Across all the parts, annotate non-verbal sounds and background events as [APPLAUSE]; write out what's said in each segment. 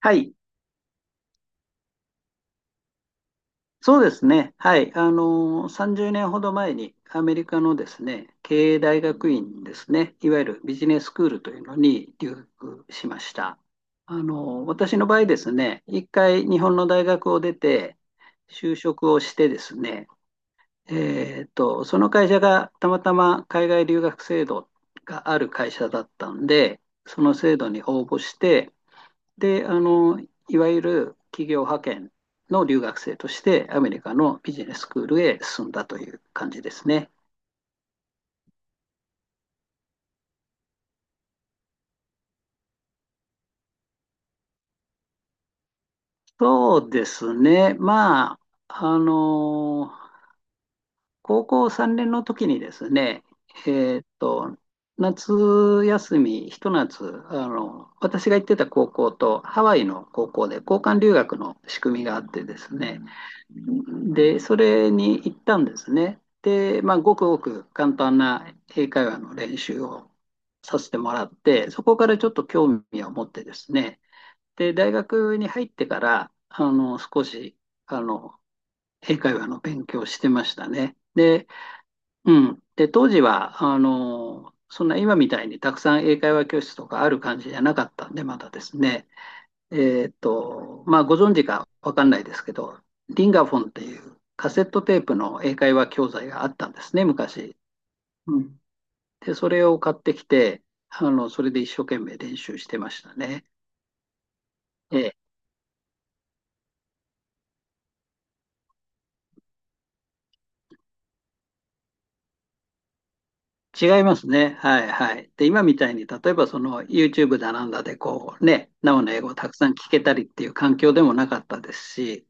はい、そうですね。はい、30年ほど前にアメリカのですね、経営大学院ですね、いわゆるビジネススクールというのに留学しました。私の場合ですね、一回日本の大学を出て、就職をしてですね、その会社がたまたま海外留学制度がある会社だったんで、その制度に応募して、で、あの、いわゆる企業派遣の留学生としてアメリカのビジネススクールへ進んだという感じですね。そうですね。まあ、あの、高校3年の時にですね、えっと、夏休み、ひと夏、あの、私が行ってた高校とハワイの高校で交換留学の仕組みがあってですね、で、それに行ったんですね。で、まあ、ごくごく簡単な英会話の練習をさせてもらって、そこからちょっと興味を持ってですね、で、大学に入ってから、あの、少し、あの、英会話の勉強をしてましたね。で、うん。で、当時は、あの、そんな今みたいにたくさん英会話教室とかある感じじゃなかったんで、まだですね。まあ、ご存知かわかんないですけど、リンガフォンっていうカセットテープの英会話教材があったんですね、昔。うん、で、それを買ってきて、あの、それで一生懸命練習してましたね。ええ、違いますね。はいはい。で、今みたいに、例えばその YouTube だなんだで、こうね、生の英語をたくさん聞けたりっていう環境でもなかったですし、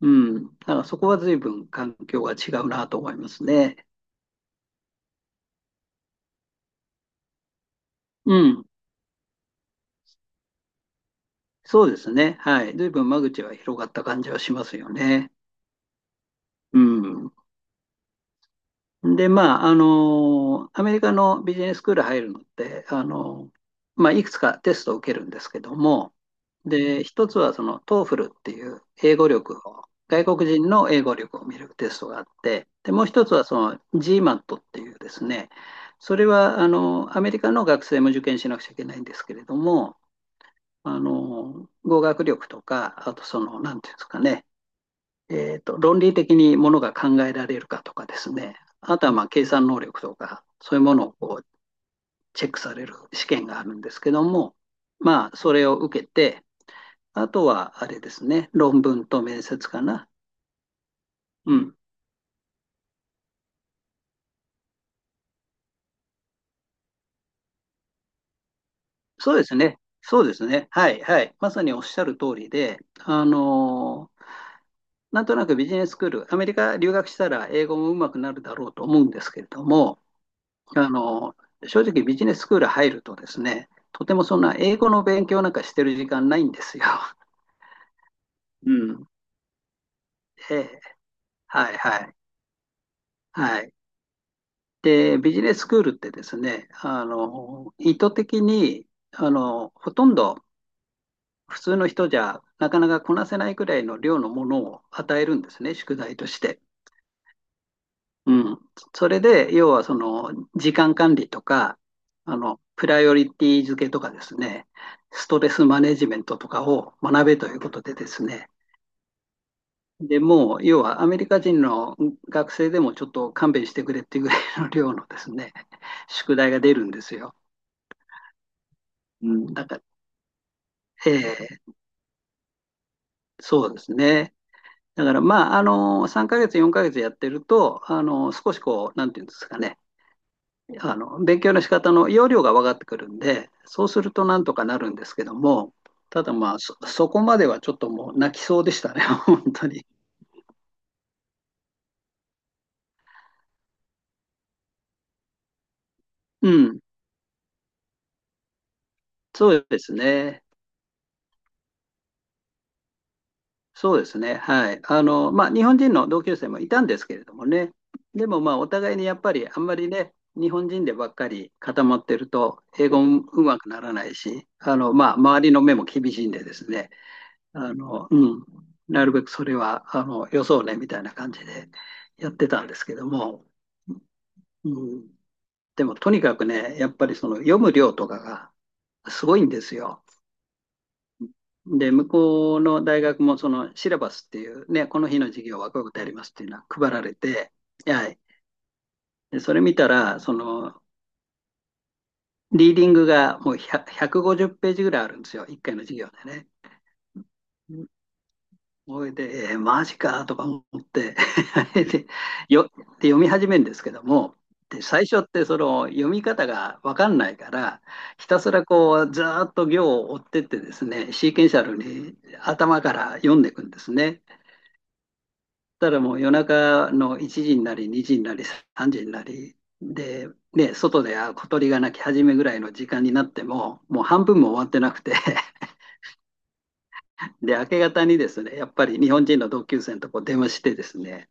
うん、だからそこは随分環境が違うなと思いますね。うん。そうですね。はい。随分間口は広がった感じはしますよね。うん。で、まあ、あの、アメリカのビジネススクール入るのって、あの、まあ、いくつかテストを受けるんですけども、で、一つはその TOEFL っていう英語力を、外国人の英語力を見るテストがあって、で、もう一つはその GMAT っていうですね、それはあのアメリカの学生も受験しなくちゃいけないんですけれども、あの語学力とか、あとその、なんていうんですかね、論理的にものが考えられるかとかですね、あとはまあ計算能力とか、そういうものをこうチェックされる試験があるんですけども、まあ、それを受けて、あとはあれですね、論文と面接かな。うん。そうですね。そうですね。はい、はい。まさにおっしゃる通りで、なんとなくビジネススクール、アメリカ留学したら英語もうまくなるだろうと思うんですけれども、あの、正直ビジネススクール入るとですね、とてもそんな英語の勉強なんかしてる時間ないんですよ。うん。ではいはい。はい。で、ビジネススクールってですね、あの、意図的に、あの、ほとんど普通の人じゃなかなかこなせないくらいの量のものを与えるんですね、宿題として。うん。それで、要はその、時間管理とか、あの、プライオリティ付けとかですね、ストレスマネジメントとかを学べということでですね、でもう、要はアメリカ人の学生でもちょっと勘弁してくれっていうぐらいの量のですね、[LAUGHS] 宿題が出るんですよ。うん。だから、ええそうですね。だから、まあ、あの、3ヶ月、4ヶ月やってると、あの、少しこう、なんていうんですかね、あの勉強の仕方の要領が分かってくるんで、そうするとなんとかなるんですけども、ただまあ、そこまではちょっともう泣きそうでしたね、[LAUGHS] 本当に。うん、そうですね。そうですね。はい。あの、まあ、日本人の同級生もいたんですけれどもね。でもまあ、お互いにやっぱりあんまりね、日本人でばっかり固まってると、英語もうまくならないし、あの、まあ、周りの目も厳しいんでですね、あの、うん、なるべくそれは、あの、よそうね、みたいな感じでやってたんですけども、うん、でもとにかくね、やっぱりその読む量とかがすごいんですよ。で、向こうの大学もそのシラバスっていうね、この日の授業はこういうことやりますっていうのは配られて、はい。で、それ見たら、その、リーディングがもう100 150ページぐらいあるんですよ、1回の授業でね。それで、えーマジかとか思って [LAUGHS] で、よ、で読み始めるんですけども、で、最初ってその読み方が分かんないから、ひたすらこう、ずーっと行を追ってってですね、シーケンシャルに頭から読んでいくんですね。たらもう夜中の1時になり、2時になり、3時になり、で、ね、外であ小鳥が鳴き始めぐらいの時間になっても、もう半分も終わってなくて [LAUGHS] で、明け方にですね、やっぱり日本人の同級生のとこ電話してですね、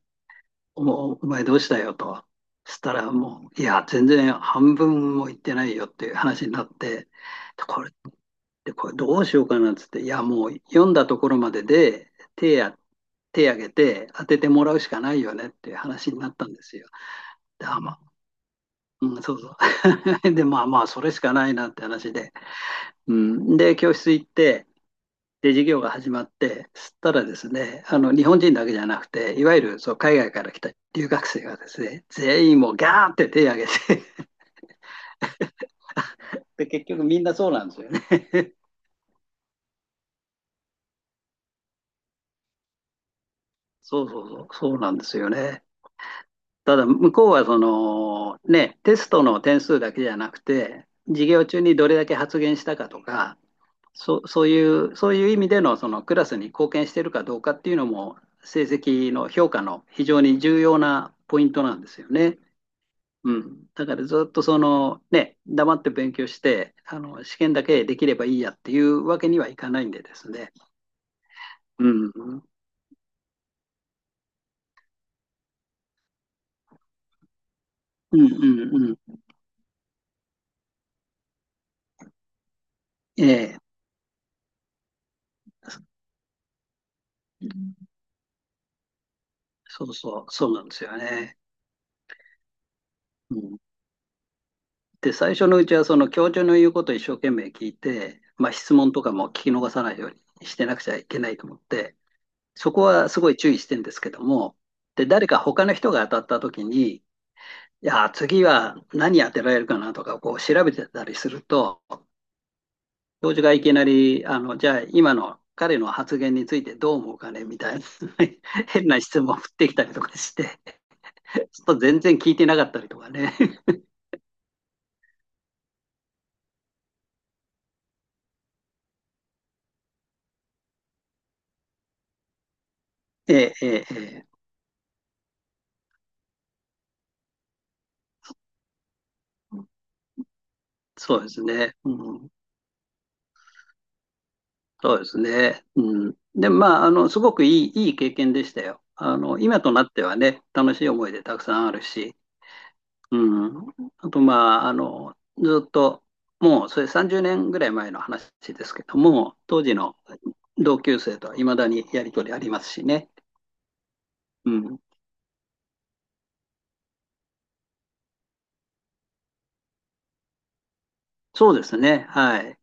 お前どうしたよと。そしたらもう、いや、全然半分も行ってないよっていう話になって、これっこれどうしようかなっつって、いや、もう読んだところまでで手挙げて当ててもらうしかないよねっていう話になったんですよ。で、あ、まあ、うん、そうそう。[LAUGHS] で、まあまあ、それしかないなって話で。うん、で、教室行って、で、授業が始まって、そしたらですね、あの、日本人だけじゃなくて、いわゆるそう海外から来た留学生がですね、全員もうガーンって手を挙げて [LAUGHS] で、結局みんなそうなんですよね。そうそうそう、そうなんですよね。ただ、向こうはその、ね、テストの点数だけじゃなくて、授業中にどれだけ発言したかとか、そういうそういう意味でのそのクラスに貢献してるかどうかっていうのも成績の評価の非常に重要なポイントなんですよね。うん。だからずっとそのね、黙って勉強して、あの、試験だけできればいいやっていうわけにはいかないんでですね。うん。うんうんうん。ええ。そうそう、そうなんですよね。うん、で、最初のうちはその教授の言うことを一生懸命聞いて、まあ、質問とかも聞き逃さないようにしてなくちゃいけないと思って、そこはすごい注意してんですけども、で、誰か他の人が当たった時に、いや、次は何当てられるかなとかこう調べてたりすると、教授がいきなり、あの、じゃあ今の彼の発言についてどう思うかねみたいな [LAUGHS] 変な質問を振ってきたりとかして、[LAUGHS] ちょっと全然聞いてなかったりとかね。[LAUGHS] ええ、ええ、ええそうですね。うん、そうですね。うん、で、まあ、あの、すごくいい、いい経験でしたよ。あの、今となってはね、楽しい思い出たくさんあるし、うん。あと、まあ、あの、ずっと、もう、それ30年ぐらい前の話ですけども、当時の同級生とはいまだにやりとりありますしね。うん。そうですね。はい。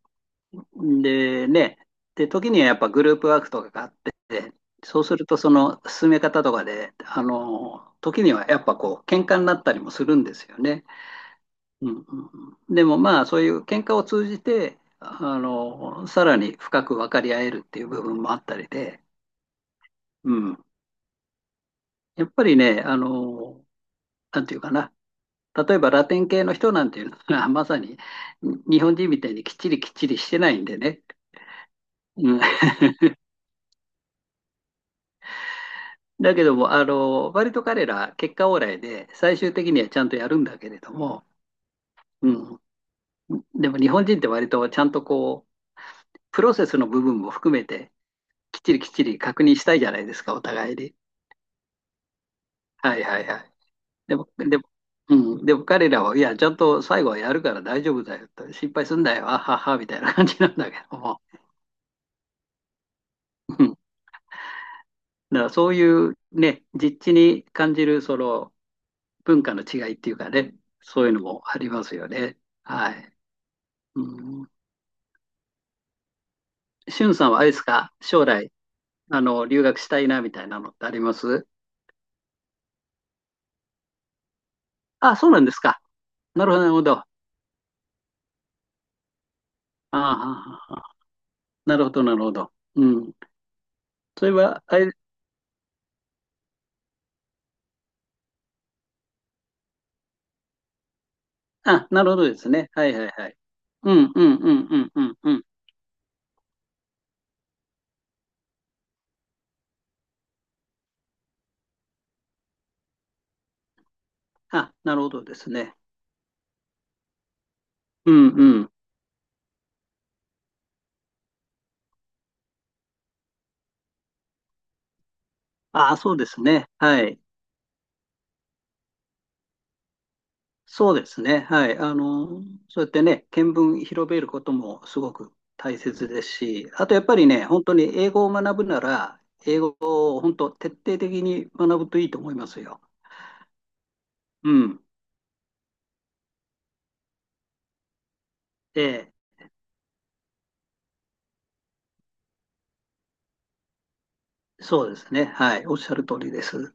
で、ね。で、時にはやっぱグループワークとかがあって、そうすると、その進め方とかで、あの、時にはやっぱこう、喧嘩になったりもするんですよね。うんうんうん、でもまあ、そういう喧嘩を通じて、あの、さらに深く分かり合えるっていう部分もあったりで、うん。やっぱりね、あの、なんていうかな。例えばラテン系の人なんていうのは、[LAUGHS] まさに日本人みたいにきっちりきっちりしてないんでね。うん。[LAUGHS] だけども、あの、割と彼ら、結果オーライで、最終的にはちゃんとやるんだけれども、うん。でも日本人って割とちゃんとこう、プロセスの部分も含めて、きっちりきっちり確認したいじゃないですか、お互いに。はいはいはい。でも、でも、うん、でも彼らは、いや、ちゃんと最後はやるから大丈夫だよと、心配すんだよ、あはは、みたいな感じなんだけども。うん。だからそういうね、実地に感じる、その文化の違いっていうかね、そういうのもありますよね。はい。うん。しゅんさんはあれですか、将来、あの、留学したいな、みたいなのってありますあ、そうなんですか。なるほど、なるほど。ああ、なるほど、なるほど。うん。それは、あれあ、なるほどですね。はいはいはい。うん、うん、うん、うん、うん、うん。あ、なるほどですね。うん、うん。あ、そうですね。はい。そうですね。はい。あの、そうやってね、見聞広めることもすごく大切ですし、あとやっぱりね、本当に英語を学ぶなら、英語を本当徹底的に学ぶといいと思いますよ。うん。ええ、そうですね。はい。おっしゃる通りです。